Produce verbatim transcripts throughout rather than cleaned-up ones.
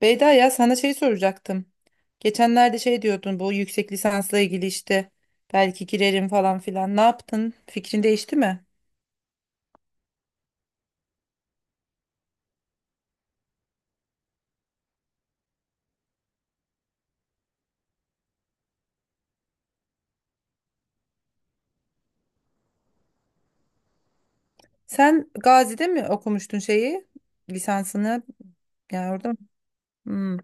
Beyda ya sana şey soracaktım. Geçenlerde şey diyordun bu yüksek lisansla ilgili işte belki girerim falan filan. Ne yaptın? Fikrin değişti mi? Sen Gazi'de mi okumuştun şeyi? Lisansını yani orada mı? Hmm.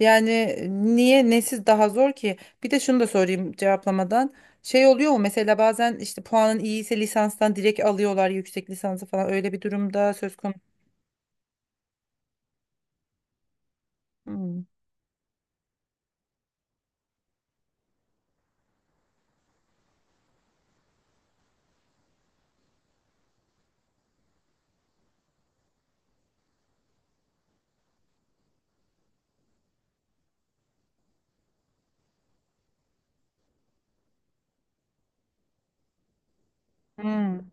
Yani niye nesiz daha zor ki? Bir de şunu da sorayım cevaplamadan. Şey oluyor mu mesela bazen işte puanın iyi ise lisanstan direkt alıyorlar yüksek lisansı falan öyle bir durumda söz konusu. Hmm. Hmm.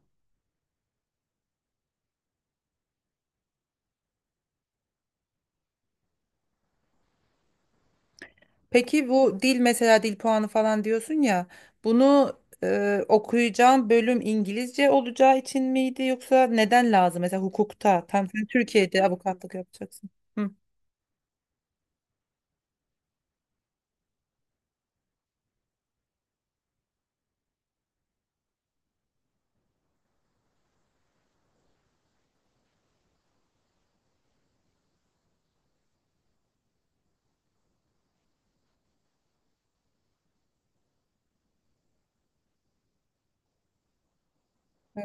Peki bu dil mesela dil puanı falan diyorsun ya bunu e, okuyacağım bölüm İngilizce olacağı için miydi yoksa neden lazım? Mesela hukukta tam sen Türkiye'de avukatlık yapacaksın. Hı.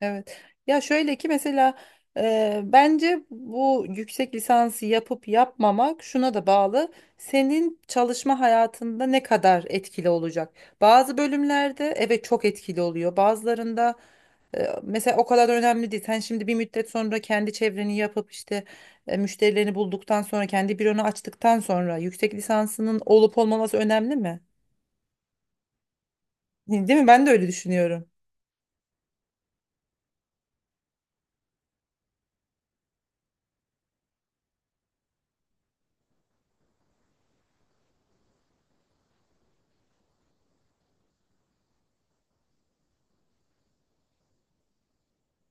Evet. Ya şöyle ki mesela e, bence bu yüksek lisansı yapıp yapmamak şuna da bağlı. Senin çalışma hayatında ne kadar etkili olacak? Bazı bölümlerde evet çok etkili oluyor. Bazılarında e, mesela o kadar önemli değil. Sen şimdi bir müddet sonra kendi çevreni yapıp işte e, müşterilerini bulduktan sonra kendi büronu açtıktan sonra yüksek lisansının olup olmaması önemli mi? Değil mi? Ben de öyle düşünüyorum.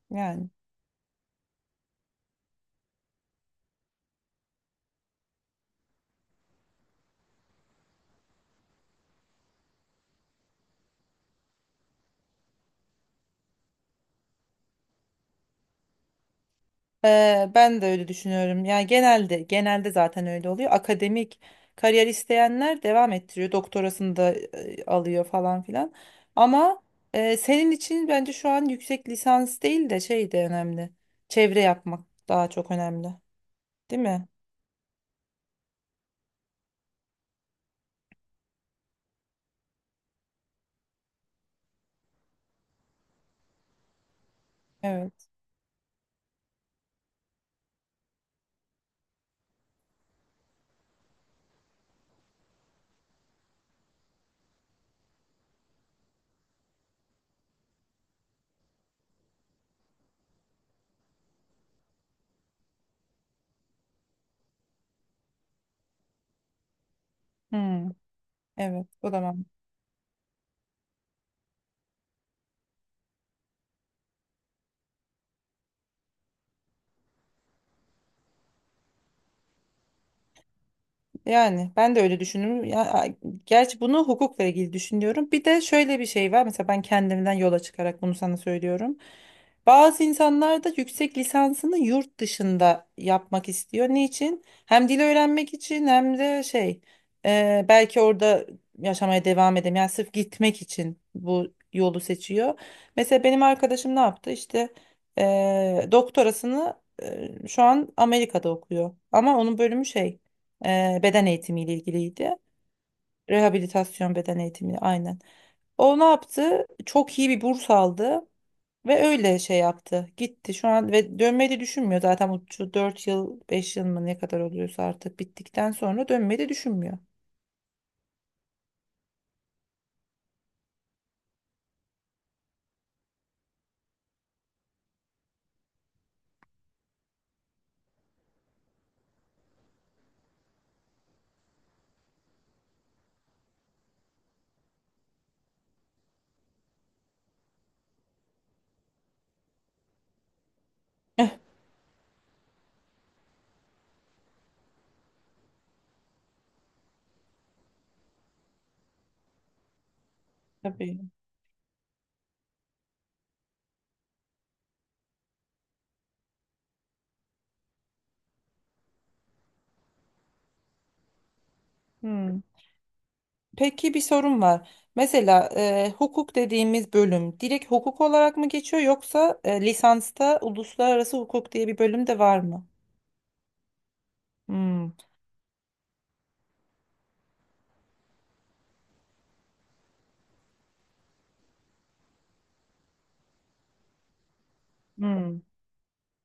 Yani. Ee, ben de öyle düşünüyorum. Yani genelde genelde zaten öyle oluyor. Akademik kariyer isteyenler devam ettiriyor. Doktorasını da e, alıyor falan filan. Ama e, senin için bence şu an yüksek lisans değil de şey de önemli. Çevre yapmak daha çok önemli. Değil mi? Evet. Hmm, evet. O da. Yani ben de öyle düşünüyorum. Ya, gerçi bunu hukukla ilgili düşünüyorum. Bir de şöyle bir şey var. Mesela ben kendimden yola çıkarak bunu sana söylüyorum. Bazı insanlar da yüksek lisansını yurt dışında yapmak istiyor. Niçin? Hem dil öğrenmek için hem de şey e, belki orada yaşamaya devam edemiyor. Yani sırf gitmek için bu yolu seçiyor. Mesela benim arkadaşım ne yaptı? İşte e, doktorasını e, şu an Amerika'da okuyor. Ama onun bölümü şey. Ee, beden eğitimiyle ilgiliydi. Rehabilitasyon beden eğitimi aynen. O ne yaptı? Çok iyi bir burs aldı ve öyle şey yaptı. Gitti şu an ve dönmeyi de düşünmüyor zaten bu şu dört yıl beş yıl mı ne kadar oluyorsa artık bittikten sonra dönmeyi de düşünmüyor. Eh. Tabii. Hmm. Peki bir sorum var. Mesela e, hukuk dediğimiz bölüm direkt hukuk olarak mı geçiyor yoksa e, lisansta uluslararası hukuk diye bir bölüm de var mı? Hmm. Hmm.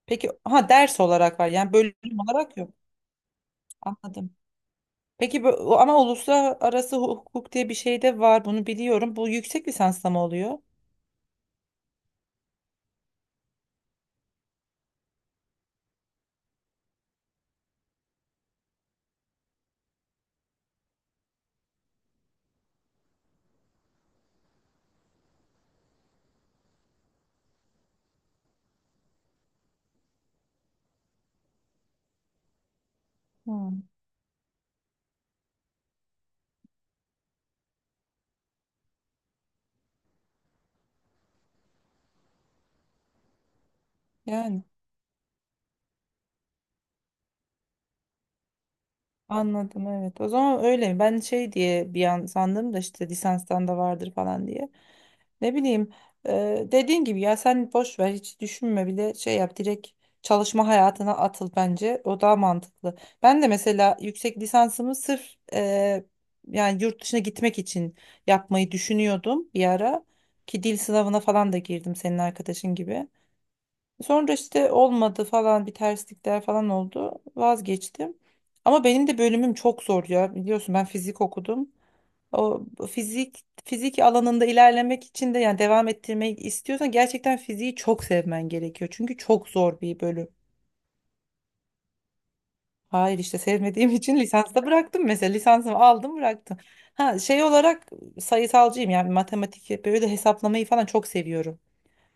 Peki ha ders olarak var yani bölüm olarak yok. Anladım. Peki bö- o- ama uluslararası hukuk diye bir şey de var, bunu biliyorum. Bu yüksek lisansla mı oluyor? Hmm. Yani. Anladım, evet. O zaman öyle mi? Ben şey diye bir an sandım da işte lisanstan da vardır falan diye. Ne bileyim, e, dediğin gibi ya sen boş ver, hiç düşünme bile, şey yap, direkt çalışma hayatına atıl bence. O daha mantıklı. Ben de mesela yüksek lisansımı sırf e, yani yurt dışına gitmek için yapmayı düşünüyordum bir ara. Ki dil sınavına falan da girdim senin arkadaşın gibi. Sonra işte olmadı falan, bir terslikler falan oldu. Vazgeçtim. Ama benim de bölümüm çok zor ya. Biliyorsun ben fizik okudum. O fizik fizik alanında ilerlemek için de yani devam ettirmek istiyorsan gerçekten fiziği çok sevmen gerekiyor. Çünkü çok zor bir bölüm. Hayır, işte sevmediğim için lisansta bıraktım mesela. Lisansımı aldım, bıraktım. Ha, şey olarak sayısalcıyım yani matematik, böyle hesaplamayı falan çok seviyorum.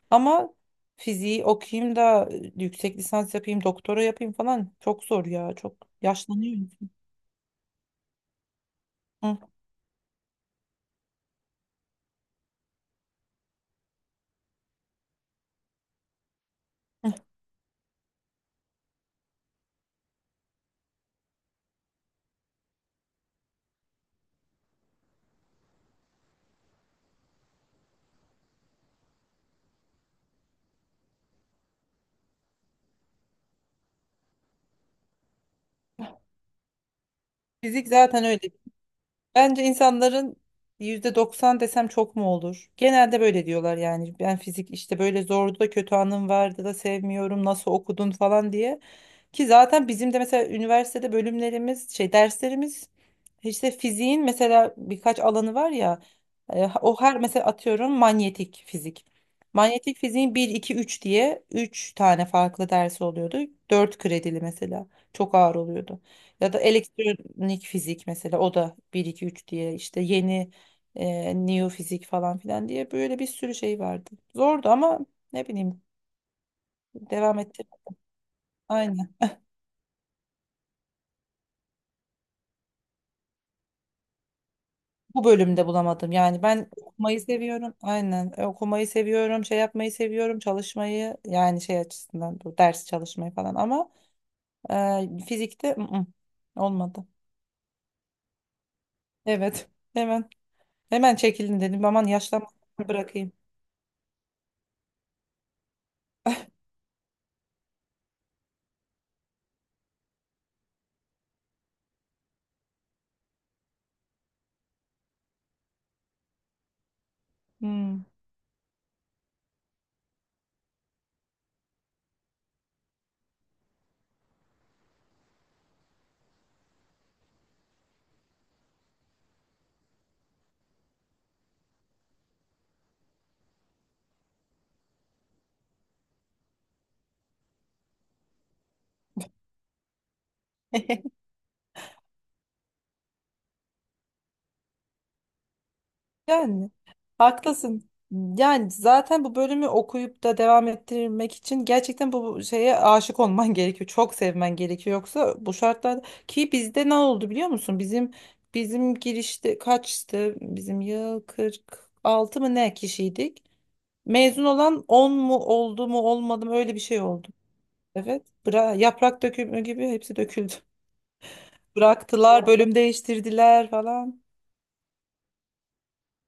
Ama fiziği okuyayım da yüksek lisans yapayım, doktora yapayım falan, çok zor ya. Çok yaşlanıyor insan. Hı. Fizik zaten öyle. Bence insanların yüzde doksan desem çok mu olur? Genelde böyle diyorlar yani. Ben fizik işte böyle zordu da, kötü anım vardı da, sevmiyorum. Nasıl okudun falan diye. Ki zaten bizim de mesela üniversitede bölümlerimiz, şey derslerimiz işte fiziğin mesela birkaç alanı var ya, e, o her mesela atıyorum manyetik fizik. Manyetik fiziğin bir iki üç diye üç tane farklı dersi oluyordu. Dört kredili mesela, çok ağır oluyordu. Ya da elektronik fizik mesela, o da bir iki üç diye işte yeni e, neofizik falan filan diye böyle bir sürü şey vardı. Zordu ama ne bileyim, devam ettim. Bu bölümde bulamadım. Yani ben okumayı seviyorum. Aynen. E, Okumayı seviyorum, şey yapmayı seviyorum, çalışmayı yani şey açısından bu ders çalışmayı falan, ama e, fizikte ı-ı, olmadı. Evet. Hemen hemen çekilin dedim. Aman, yaşlanmak bırakayım. Hmm. Yani haklısın. Yani zaten bu bölümü okuyup da devam ettirmek için gerçekten bu şeye aşık olman gerekiyor. Çok sevmen gerekiyor. Yoksa bu şartlarda, ki bizde ne oldu biliyor musun? Bizim bizim girişte kaçtı? Bizim yıl kırk altı mı ne kişiydik? Mezun olan on mu oldu mu olmadı mı, öyle bir şey oldu. Evet. Bıra yaprak dökümü gibi hepsi döküldü. Bıraktılar, bölüm değiştirdiler falan.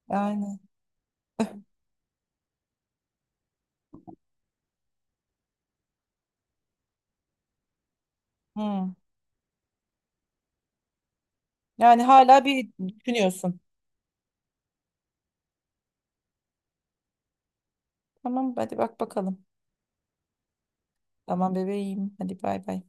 Yani. Hı. Yani hala bir düşünüyorsun. Tamam, hadi bak bakalım. Tamam bebeğim. Hadi bay bay.